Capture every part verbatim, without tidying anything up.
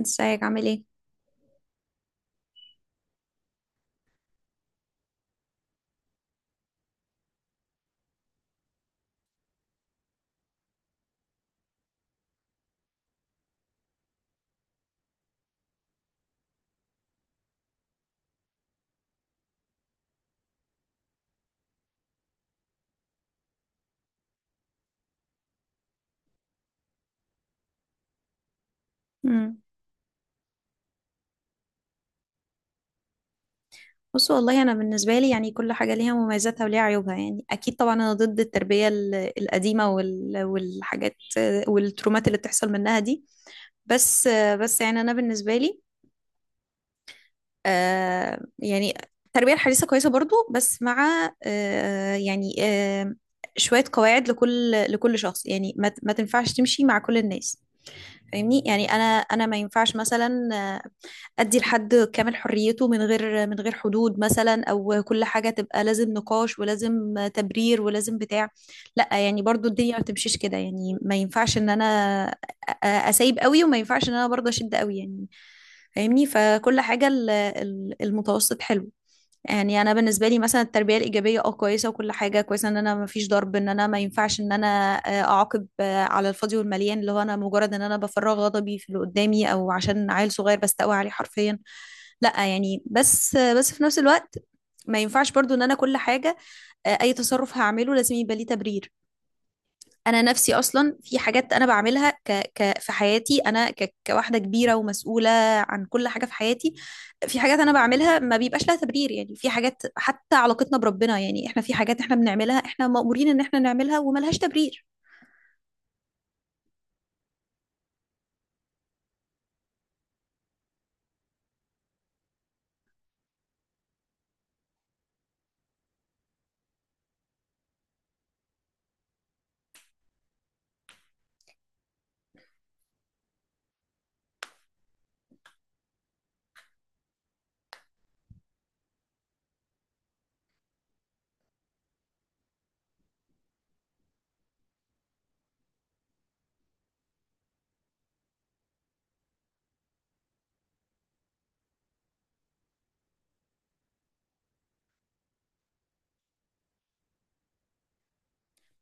ازيك عامل ايه؟ امم بص والله انا بالنسبه لي يعني كل حاجه ليها مميزاتها وليها عيوبها. يعني اكيد طبعا انا ضد التربيه ال- القديمه وال- والحاجات والترومات اللي بتحصل منها دي. بس بس يعني انا بالنسبه لي، آه يعني التربيه الحديثه كويسه برضو، بس مع آه يعني آه شويه قواعد لكل لكل شخص. يعني ما ما تنفعش تمشي مع كل الناس. فاهمني؟ يعني انا انا ما ينفعش مثلا ادي لحد كامل حريته من غير من غير حدود مثلا، او كل حاجه تبقى لازم نقاش ولازم تبرير ولازم بتاع. لا يعني، برضو الدنيا ما بتمشيش كده. يعني ما ينفعش ان انا أ- اسيب قوي، وما ينفعش ان انا برضو اشد قوي يعني. فاهمني؟ فكل حاجه ال- ال- المتوسط حلو. يعني انا بالنسبه لي مثلا التربيه الايجابيه اه كويسه، وكل حاجه كويسه ان انا ما فيش ضرب، ان انا ما ينفعش ان انا آه، اعاقب آه، على الفاضي والمليان، اللي هو انا مجرد ان انا بفرغ غضبي في اللي قدامي، او عشان عيل صغير بستقوى عليه حرفيا. لا يعني. بس آه، بس في نفس الوقت ما ينفعش برضو ان انا كل حاجه، آه، اي تصرف هعمله لازم يبقى ليه تبرير. انا نفسي اصلا في حاجات انا بعملها ك... ك... في حياتي، انا ك... كواحده كبيره ومسؤوله عن كل حاجه في حياتي. في حاجات انا بعملها ما بيبقاش لها تبرير. يعني في حاجات، حتى علاقتنا بربنا، يعني احنا في حاجات احنا بنعملها احنا مأمورين ان احنا نعملها وملهاش تبرير.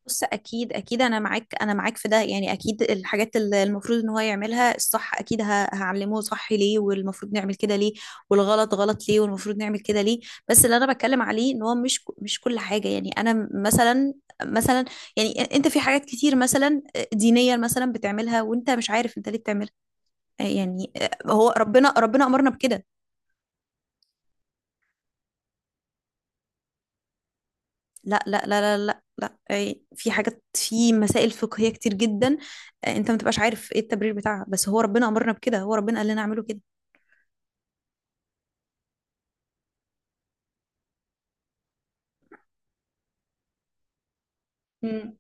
بص، اكيد اكيد انا معاك، انا معاك في ده. يعني اكيد الحاجات اللي المفروض ان هو يعملها الصح اكيد ه- هعلمه صح ليه، والمفروض نعمل كده ليه، والغلط غلط ليه والمفروض نعمل كده ليه. بس اللي انا بتكلم عليه ان هو مش ك- مش كل حاجة. يعني انا م- مثلا، مثلا يعني أ- انت في حاجات كتير مثلا آه، دينيا مثلا بتعملها وانت مش عارف انت ليه بتعملها. آه، يعني آه، هو ربنا ربنا امرنا بكده. لا لا لا لا لا لا، إيه، في حاجات، في مسائل فقهية كتير جدا آه، انت ما تبقاش عارف ايه التبرير بتاعها، بس هو ربنا امرنا بكده، هو ربنا قال لنا اعمله كده. مم.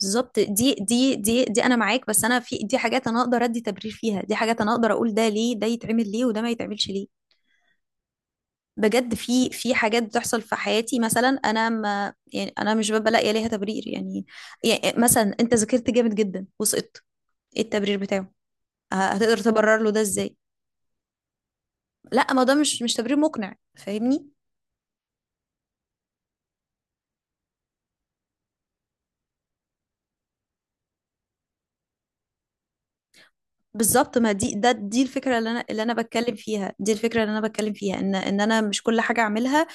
بالظبط. دي دي دي دي انا معاك. بس انا في دي حاجات انا اقدر ادي تبرير فيها، دي حاجات انا اقدر اقول ده ليه ده يتعمل ليه وده ما يتعملش ليه. بجد في في حاجات بتحصل في حياتي مثلا، انا ما، يعني انا مش ببقى لاقيه ليها تبرير يعني. يعني مثلا انت ذاكرت جامد جدا وسقطت، ايه التبرير بتاعه؟ ه- هتقدر تبرر له ده ازاي؟ لا، ما ده مش مش تبرير مقنع. فاهمني؟ بالظبط. ما دي، ده دي الفكره اللي انا اللي انا بتكلم فيها، دي الفكره اللي انا بتكلم فيها، ان ان انا مش كل حاجه اعملها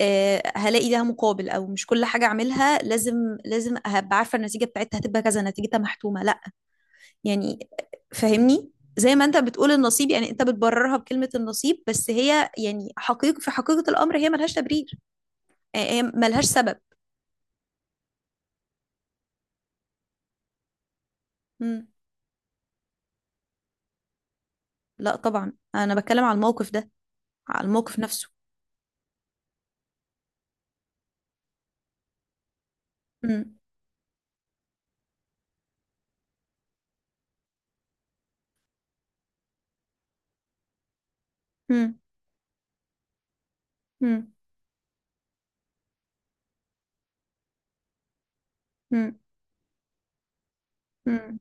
آه، هلاقي لها مقابل، او مش كل حاجه اعملها لازم لازم هبقى عارفه النتيجه بتاعتها هتبقى كذا، نتيجتها محتومه. لا يعني. فاهمني؟ زي ما انت بتقول النصيب، يعني انت بتبررها بكلمه النصيب، بس هي يعني حقيقة، في حقيقه الامر هي ملهاش تبرير، آه، هي ملهاش سبب. مم. لا طبعا انا بتكلم على الموقف ده، على الموقف نفسه. مم. مم. مم. مم. مم.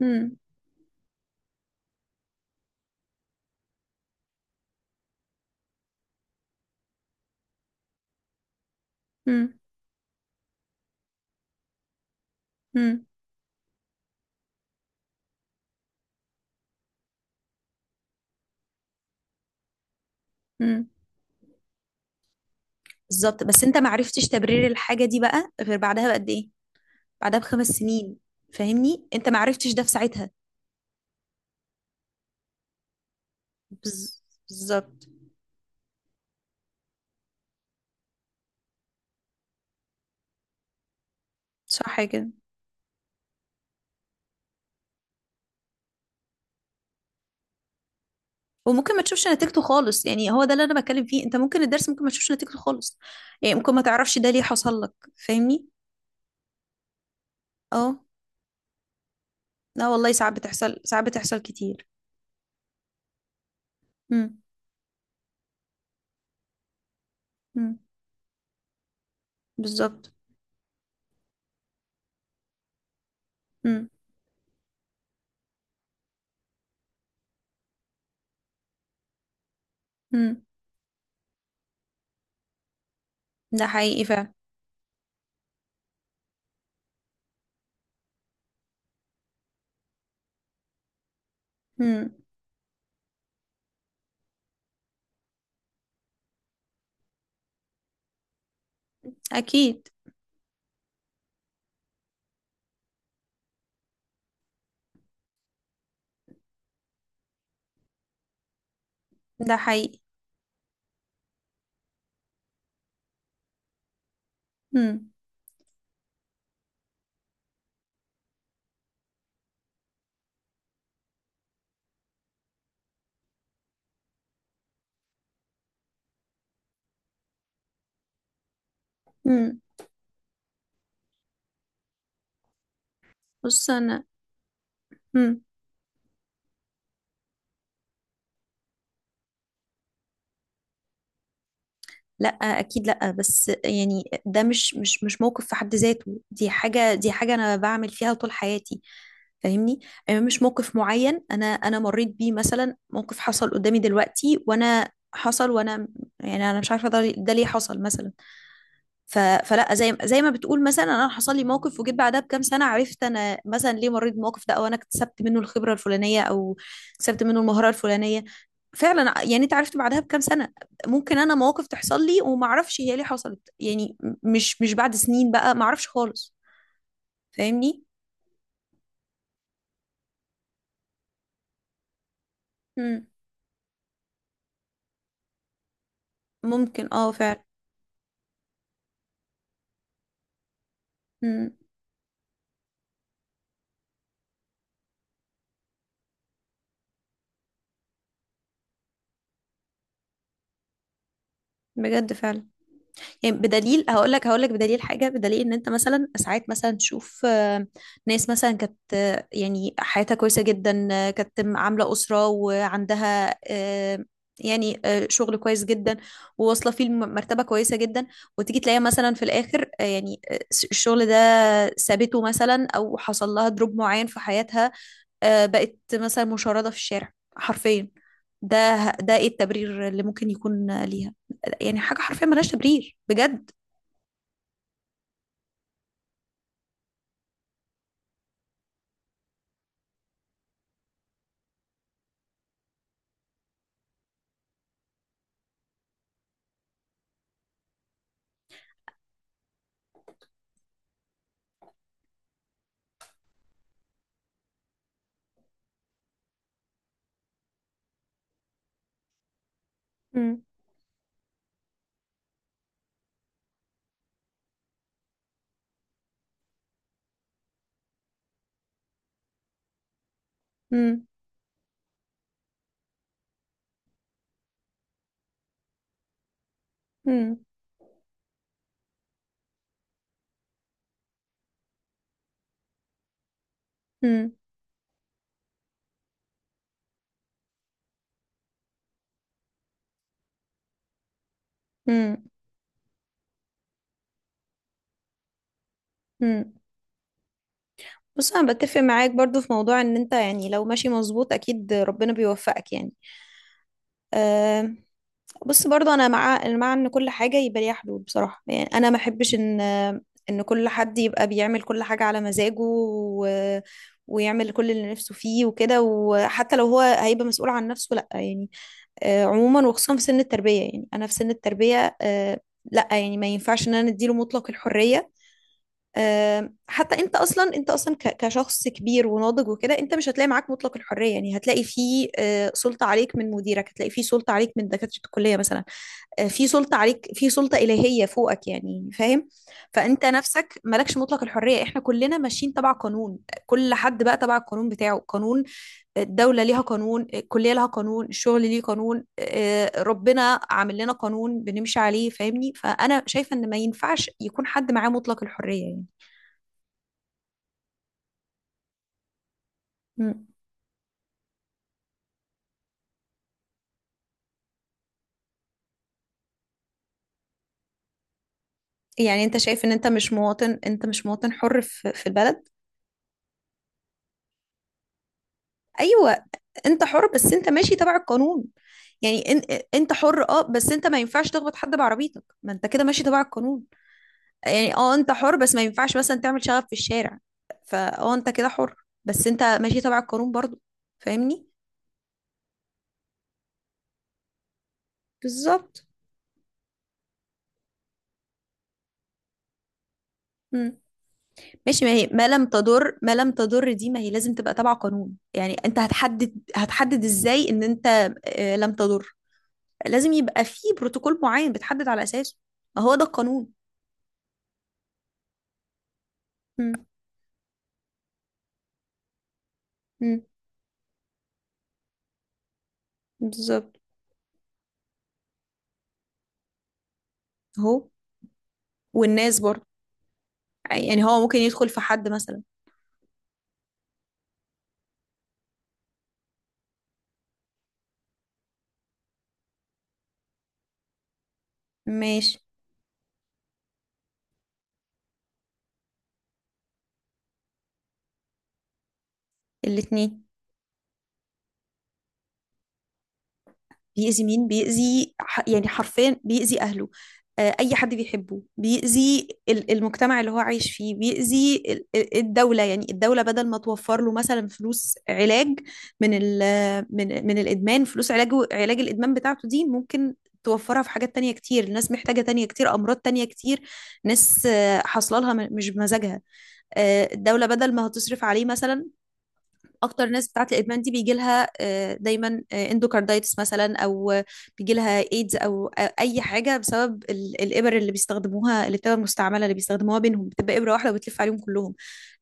مم. مم. مم. مم. بالظبط. بس انت ما عرفتش تبرير الحاجه دي بقى غير بعدها بقد ايه؟ بعدها بخمس سنين. فاهمني؟ انت ما عرفتش ده في ساعتها. بز- بالظبط. صح كده. وممكن ما تشوفش نتيجته خالص. يعني هو ده اللي انا بتكلم فيه، انت ممكن الدرس ممكن ما تشوفش نتيجته خالص. يعني ممكن ما تعرفش ده ليه حصل لك. فاهمني؟ اه. لا والله، ساعات بتحصل، ساعات بتحصل كتير. مم. مم. بالظبط. مم. مم. ده حقيقي فعلا. مم. اكيد ده حقيقي. مم. مم. بص انا. مم. لا اكيد لا. بس يعني ده مش مش مش موقف في حد ذاته. دي حاجه، دي حاجه انا بعمل فيها طول حياتي. فاهمني؟ يعني مش موقف معين انا انا مريت بيه، مثلا موقف حصل قدامي دلوقتي، وانا حصل وانا، يعني انا مش عارفه ده ده ليه حصل مثلا. ف... فلا، زي زي ما بتقول مثلا انا حصل لي موقف، وجيت بعدها بكام سنه عرفت انا مثلا ليه مريت بالموقف ده، او انا اكتسبت منه الخبره الفلانيه، او اكتسبت منه المهاره الفلانيه. فعلا يعني انت عرفت بعدها بكام سنه. ممكن انا مواقف تحصل لي وما اعرفش هي ليه حصلت يعني، م- مش مش بعد سنين بقى، ما اعرفش خالص. فاهمني؟ مم. ممكن اه فعلا. مم. بجد فعلا. يعني بدليل، هقول لك هقول لك بدليل حاجه، بدليل ان انت مثلا ساعات مثلا تشوف آه، ناس مثلا كانت آه، يعني حياتها كويسه جدا، آه، كانت عامله اسره وعندها آه، يعني آه، شغل كويس جدا، وواصله فيه مرتبه كويسه جدا، وتيجي تلاقيها مثلا في الاخر آه، يعني آه، الشغل ده سابته مثلا، او حصل لها دروب معين في حياتها، آه، بقت مثلا مشردة في الشارع حرفيا. ده ده ايه التبرير اللي ممكن يكون آه، ليها؟ يعني حاجة حرفيا ملهاش تبرير بجد. مم. مم. مم. مم. مم. مم. بص انا بتفق معاك برضو في موضوع ان انت يعني لو ماشي مظبوط اكيد ربنا بيوفقك يعني. أه. بص برضه، انا مع أنا مع ان كل حاجه يبقى ليها حدود بصراحه. يعني انا ما احبش ان ان كل حد يبقى بيعمل كل حاجه على مزاجه، و... ويعمل كل اللي نفسه فيه وكده، وحتى لو هو هيبقى مسؤول عن نفسه لا يعني. آه، عموما وخصوصا في سن التربيه. يعني انا في سن التربيه آه، لا يعني ما ينفعش ان انا اديله مطلق الحريه. آه، حتى انت اصلا، انت اصلا ك- كشخص كبير وناضج وكده، انت مش هتلاقي معاك مطلق الحريه. يعني هتلاقي فيه آه، سلطه عليك من مديرك، هتلاقي فيه سلطه عليك من دكاتره الكليه مثلا، آه، في سلطة عليك، في سلطة إلهية فوقك. يعني فاهم؟ فأنت نفسك مالكش مطلق الحرية، احنا كلنا ماشيين تبع قانون. كل حد بقى تبع القانون بتاعه: قانون الدولة ليها قانون، الكلية لها قانون، الشغل ليه قانون، آه، ربنا عامل لنا قانون بنمشي عليه. فاهمني؟ فأنا شايفة إن ما ينفعش يكون حد معاه مطلق الحرية يعني. مم. يعني أنت شايف إن أنت مش مواطن، أنت مش مواطن حر في في البلد؟ أيوة. انت حر بس انت ماشي تبع القانون. يعني ان... انت حر اه، بس انت ما ينفعش تخبط حد بعربيتك، ما انت كده ماشي تبع القانون. يعني اه انت حر، بس ما ينفعش مثلا تعمل شغب في الشارع. فاه انت كده حر، بس انت ماشي تبع القانون برضو. فاهمني؟ بالظبط. مم. ماشي. ما هي ما لم تضر، ما لم تضر دي ما هي لازم تبقى تبع قانون. يعني انت هتحدد، هتحدد ازاي ان انت آه، لم تضر؟ لازم يبقى في بروتوكول معين بتحدد على اساسه. ما هو ده القانون. مم. مم. بالظبط. اهو. والناس برضه. يعني هو ممكن يدخل في حد مثلا. ماشي. الاتنين. بيأذي مين؟ بيأذي ح- يعني حرفيا بيأذي أهله، آه، أي حد بيحبه، بيأذي ال- المجتمع اللي هو عايش فيه، بيأذي ال- ال- الدولة. يعني الدولة بدل ما توفر له مثلا فلوس علاج من ال من من الإدمان، فلوس علاج، علاج الإدمان بتاعته دي، ممكن توفرها في حاجات تانية كتير، ناس محتاجة تانية كتير، أمراض تانية كتير، ناس آه، حاصله لها م- مش بمزاجها. آه، الدولة بدل ما هتصرف عليه مثلا، اكتر ناس بتاعت الادمان دي بيجي لها آه، دايما آه، اندوكاردايتس مثلا، او آه، بيجي لها ايدز، او آه، اي حاجه بسبب ال- الابر اللي بيستخدموها، الابتداء المستعمله اللي بيستخدموها بينهم بتبقى ابره واحده وبتلف عليهم كلهم.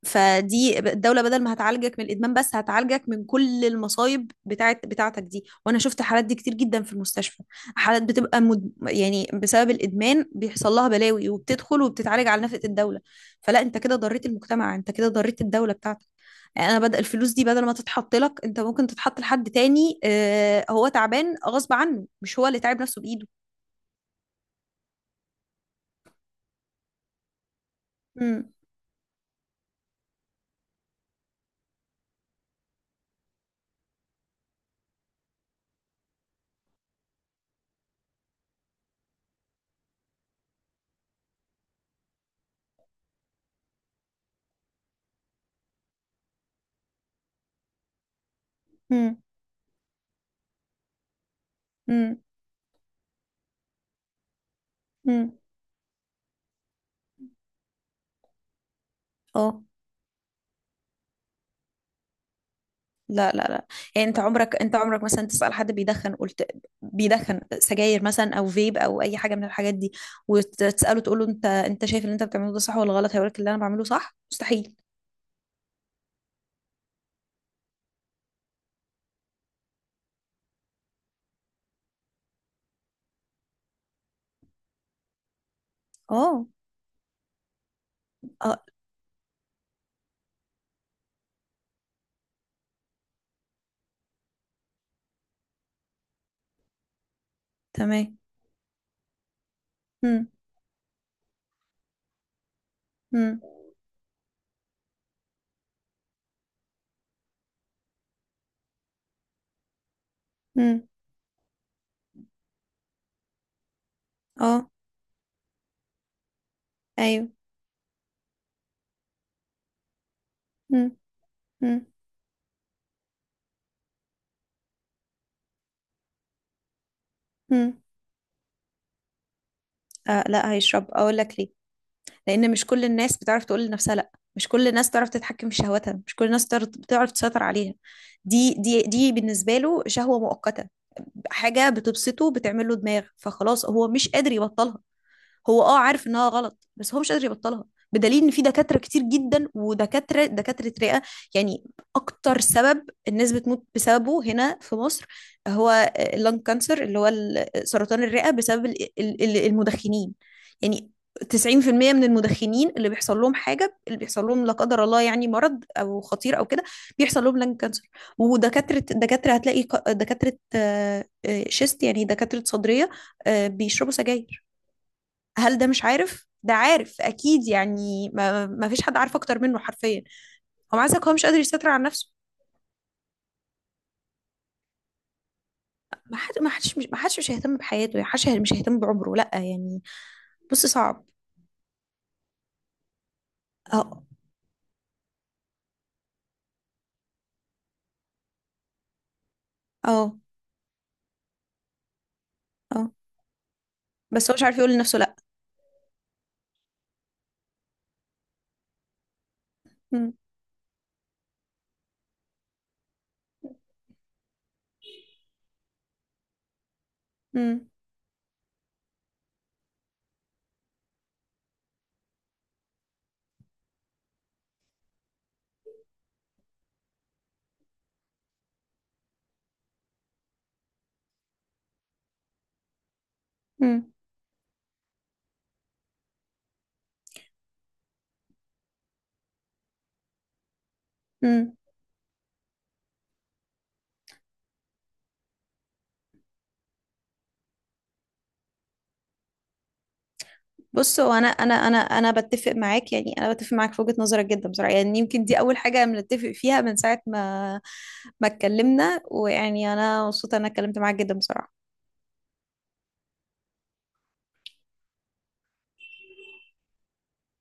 فدي الدوله بدل ما هتعالجك من الادمان بس، هتعالجك من كل المصايب بتاعت بتاعتك دي. وانا شفت حالات دي كتير جدا في المستشفى، حالات بتبقى مد... يعني بسبب الادمان بيحصل لها بلاوي وبتدخل وبتتعالج على نفقه الدوله. فلا، انت كده ضريت المجتمع، انت كده ضريت الدوله بتاعتك. يعني انا بدل الفلوس دي بدل ما تتحط لك، انت ممكن تتحط لحد تاني آه، هو تعبان غصب عنه، مش هو اللي تعب نفسه بايده. امم. امم. امم. امم. اه. لا لا لا. يعني انت عمرك، انت عمرك مثلا تسأل حد بيدخن، قلت بيدخن سجاير مثلا او فيب او اي حاجه من الحاجات دي، وتسأله تقول له انت، انت شايف اللي انت بتعمله ده صح ولا غلط؟ هيقول لك اللي انا بعمله صح. مستحيل. اه. اه. تمام. امم. امم. امم. اه. ايوه. امم. امم. امم. آه لا، هيشرب. اقول لك ليه. لأن مش كل الناس بتعرف تقول لنفسها لأ، مش كل الناس تعرف تتحكم في شهواتها، مش كل الناس تعرف بتعرف تسيطر عليها. دي دي دي بالنسبة له شهوة مؤقتة، حاجة بتبسطه، بتعمل له دماغ، فخلاص هو مش قادر يبطلها. هو اه عارف انها غلط، بس هو مش قادر يبطلها. بدليل ان في دكاتره كتير جدا، ودكاتره دكاتره رئه. يعني اكتر سبب الناس بتموت بسببه هنا في مصر هو اللنج كانسر، اللي هو ال- سرطان الرئه بسبب ال- ال- ال- المدخنين. يعني تسعين في المية من المدخنين اللي بيحصل لهم حاجه، اللي بيحصل لهم لا قدر الله، يعني مرض او خطير او كده، بيحصل لهم لنج كانسر. ودكاتره دكاتره هتلاقي ك- دكاتره آه، آه، شيست، يعني دكاتره صدريه آه، بيشربوا سجاير. هل ده مش عارف؟ ده عارف اكيد. يعني ما، ما فيش حد عارف اكتر منه حرفيا. هو مع ذلك هو مش قادر يسيطر على نفسه. ما حد، ما حدش مش- ما حدش مش هيهتم بحياته، ما حدش مش هيهتم بعمره. لا يعني. بص صعب. اه. اه. اه. بس هو مش عارف يقول لنفسه لا. مم. مم. مم. مم. بص هو انا انا انا انا بتفق معاك. يعني انا بتفق معاك في وجهة نظرك جدا بصراحة. يعني يمكن دي اول حاجة بنتفق فيها من ساعة ما ما اتكلمنا. ويعني انا مبسوطة إن انا اتكلمت معاك جدا بصراحة.